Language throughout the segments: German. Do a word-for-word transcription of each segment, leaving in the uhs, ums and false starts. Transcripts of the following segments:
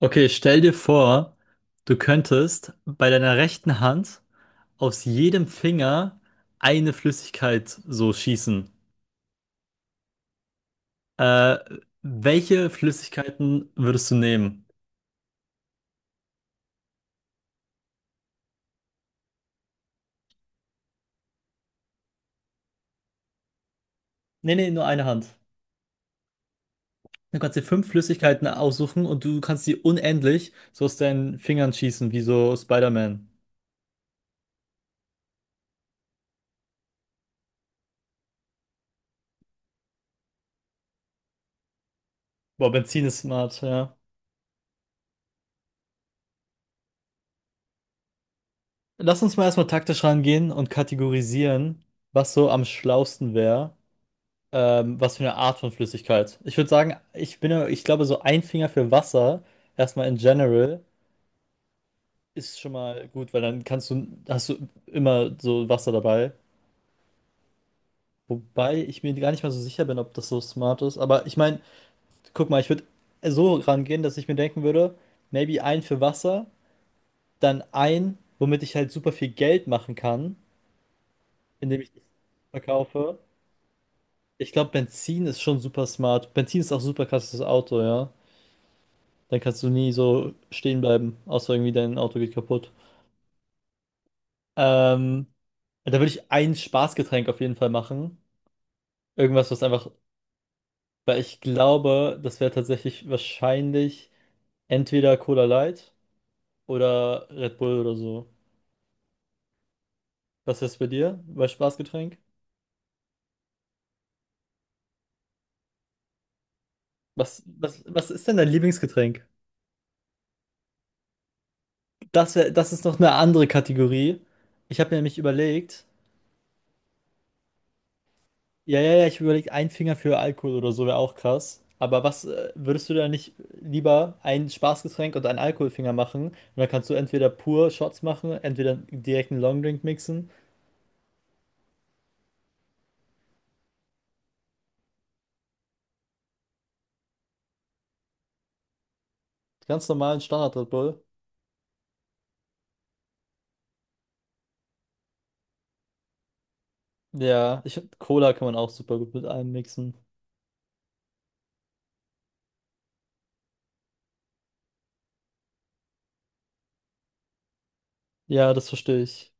Okay, stell dir vor, du könntest bei deiner rechten Hand aus jedem Finger eine Flüssigkeit so schießen. Äh, Welche Flüssigkeiten würdest du nehmen? Nee, nee, nur eine Hand. Du kannst dir fünf Flüssigkeiten aussuchen und du kannst sie unendlich so aus deinen Fingern schießen, wie so Spider-Man. Boah, Benzin ist smart, ja. Lass uns mal erstmal taktisch rangehen und kategorisieren, was so am schlausten wäre. Ähm, was für eine Art von Flüssigkeit? Ich würde sagen, ich bin, ja- ich glaube, so ein Finger für Wasser, erstmal in general, ist schon mal gut, weil dann kannst du, hast du immer so Wasser dabei. Wobei ich mir gar nicht mal so sicher bin, ob das so smart ist. Aber ich meine, guck mal, ich würde so rangehen, dass ich mir denken würde, maybe ein für Wasser, dann ein, womit ich halt super viel Geld machen kann, indem ich das verkaufe. Ich glaube, Benzin ist schon super smart. Benzin ist auch super krasses Auto, ja. Dann kannst du nie so stehen bleiben, außer irgendwie dein Auto geht kaputt. Ähm, Da würde ich ein Spaßgetränk auf jeden Fall machen. Irgendwas, was einfach, weil ich glaube, das wäre tatsächlich wahrscheinlich entweder Cola Light oder Red Bull oder so. Was ist bei dir bei Spaßgetränk? Was, was, was ist denn dein Lieblingsgetränk? Das wär, das ist noch eine andere Kategorie. Ich habe mir nämlich überlegt, ja, ja, ja, ich überlege, ein Finger für Alkohol oder so wäre auch krass. Aber was äh, würdest du da nicht lieber ein Spaßgetränk und einen Alkoholfinger machen? Und dann kannst du entweder pur Shots machen, entweder direkt einen Longdrink mixen. Ganz normalen Standard Red Bull. Ja, ich finde, Cola kann man auch super gut mit allem mixen. Ja, das verstehe ich.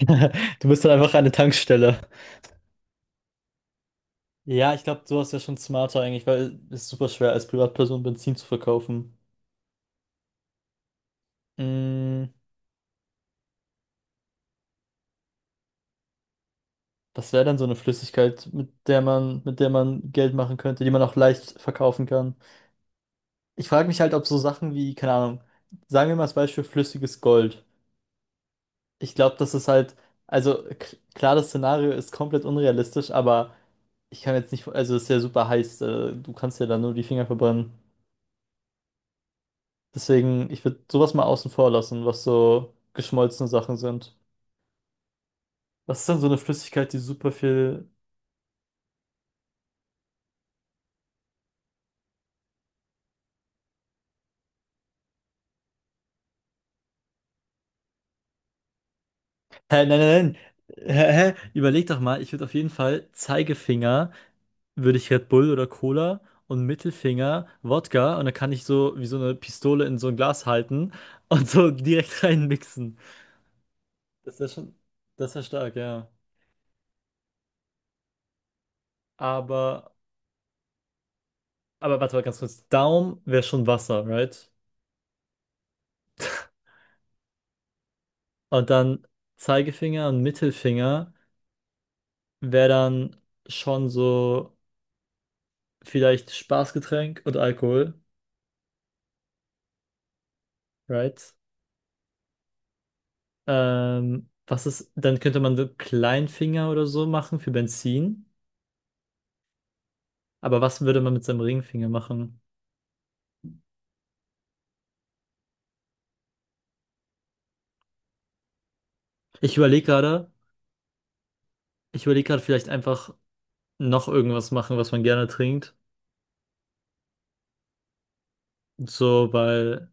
Du bist dann einfach eine Tankstelle. Ja, ich glaube, sowas wäre schon smarter eigentlich, weil es ist super schwer, als Privatperson Benzin zu verkaufen. Mm. Das wäre dann so eine Flüssigkeit, mit der man, mit der man Geld machen könnte, die man auch leicht verkaufen kann. Ich frage mich halt, ob so Sachen wie, keine Ahnung, sagen wir mal als Beispiel flüssiges Gold. Ich glaube, das ist halt, also k- klar, das Szenario ist komplett unrealistisch, aber ich kann jetzt nicht, also es ist ja super heiß, äh, du kannst ja dann nur die Finger verbrennen. Deswegen, ich würde sowas mal außen vor lassen, was so geschmolzene Sachen sind. Was ist dann so eine Flüssigkeit, die super viel. Hä, nein, nein, nein. Hä, hä? Überleg doch mal, ich würde auf jeden Fall Zeigefinger, würde ich Red Bull oder Cola und Mittelfinger Wodka, und dann kann ich so wie so eine Pistole in so ein Glas halten und so direkt reinmixen. Das wäre schon, das wäre stark, ja. Aber, aber warte mal ganz kurz. Daumen wäre schon Wasser, right? Und dann Zeigefinger und Mittelfinger wäre dann schon so vielleicht Spaßgetränk und Alkohol, right? Ähm, was ist, dann könnte man so Kleinfinger oder so machen für Benzin. Aber was würde man mit seinem Ringfinger machen? Ich überlege gerade, ich überlege gerade vielleicht einfach noch irgendwas machen, was man gerne trinkt. So, weil,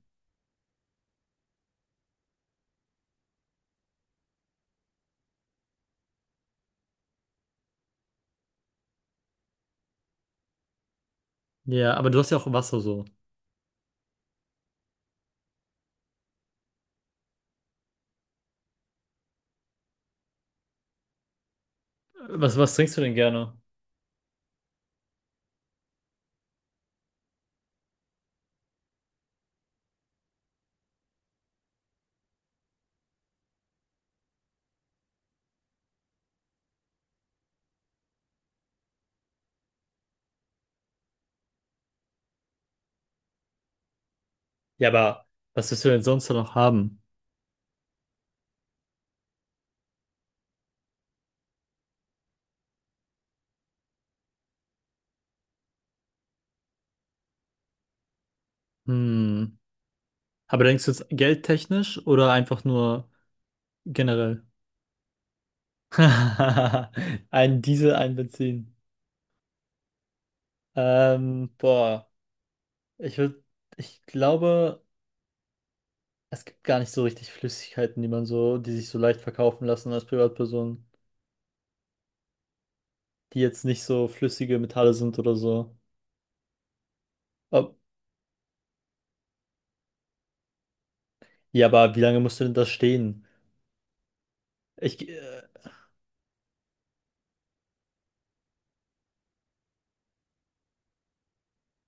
ja, aber du hast ja auch Wasser so. Was, was trinkst du denn gerne? Ja, aber was willst du denn sonst noch haben? Hm. Aber denkst du jetzt geldtechnisch oder einfach nur generell? Ein Diesel, ein Benzin. Ähm, boah. Ich würde, ich glaube, es gibt gar nicht so richtig Flüssigkeiten, die man so, die sich so leicht verkaufen lassen als Privatperson, die jetzt nicht so flüssige Metalle sind oder so. Ob, ja, aber wie lange musst du denn das stehen? Ich, äh,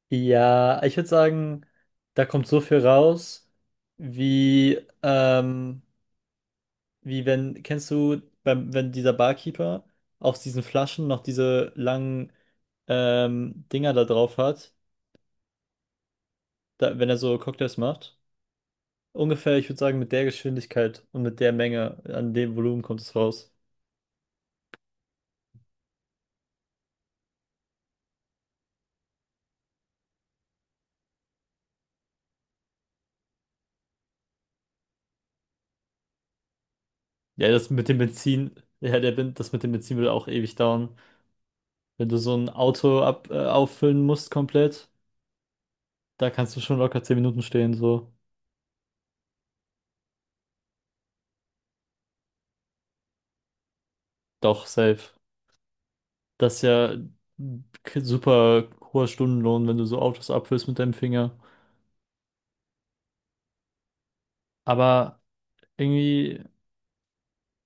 ja, ich würde sagen, da kommt so viel raus, wie, ähm, wie wenn, kennst du, beim, wenn dieser Barkeeper aus diesen Flaschen noch diese langen, ähm, Dinger da drauf hat, da, wenn er so Cocktails macht? Ungefähr, ich würde sagen, mit der Geschwindigkeit und mit der Menge, an dem Volumen kommt es raus. Ja, das mit dem Benzin, ja, der, Ben- das mit dem Benzin würde auch ewig dauern. Wenn du so ein Auto ab, äh, auffüllen musst komplett, da kannst du schon locker zehn Minuten stehen, so. Doch, safe. Das ist ja ein k- super hoher Stundenlohn, wenn du so Autos abfüllst mit deinem Finger. Aber irgendwie,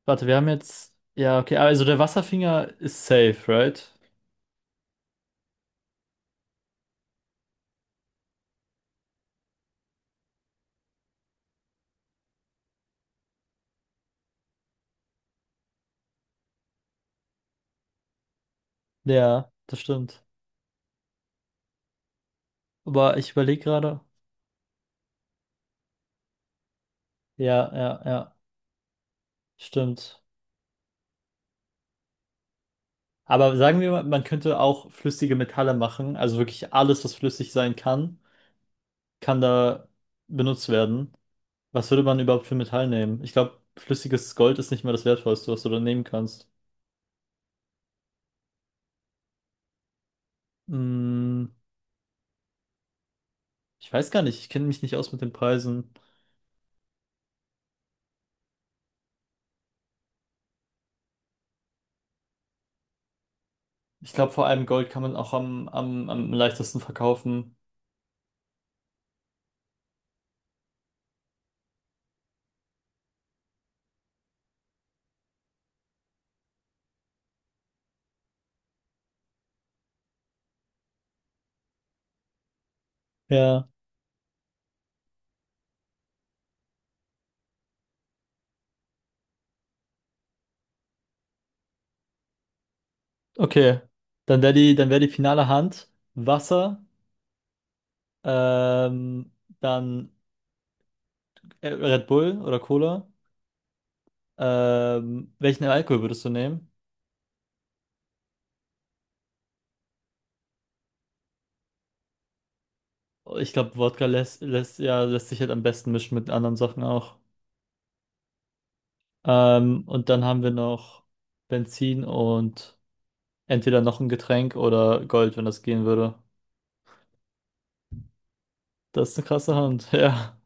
warte, wir haben jetzt, ja, okay, also der Wasserfinger ist safe, right? Ja, das stimmt. Aber ich überlege gerade. Ja, ja, ja, stimmt. Aber sagen wir mal, man könnte auch flüssige Metalle machen. Also wirklich alles, was flüssig sein kann, kann da benutzt werden. Was würde man überhaupt für Metall nehmen? Ich glaube, flüssiges Gold ist nicht mehr das Wertvollste, was du da nehmen kannst. Hm, ich weiß gar nicht. Ich kenne mich nicht aus mit den Preisen. Ich glaube, vor allem Gold kann man auch am, am, am leichtesten verkaufen. Ja, okay. Dann wäre die, dann wäre die finale Hand Wasser, ähm, dann äh, Red Bull oder Cola. Ähm, welchen Alkohol würdest du nehmen? Ich glaube, Wodka lässt, lässt, ja, lässt sich halt am besten mischen mit anderen Sachen auch. Ähm, und dann haben wir noch Benzin und entweder noch ein Getränk oder Gold, wenn das gehen würde. Das ist eine krasse Hand, ja.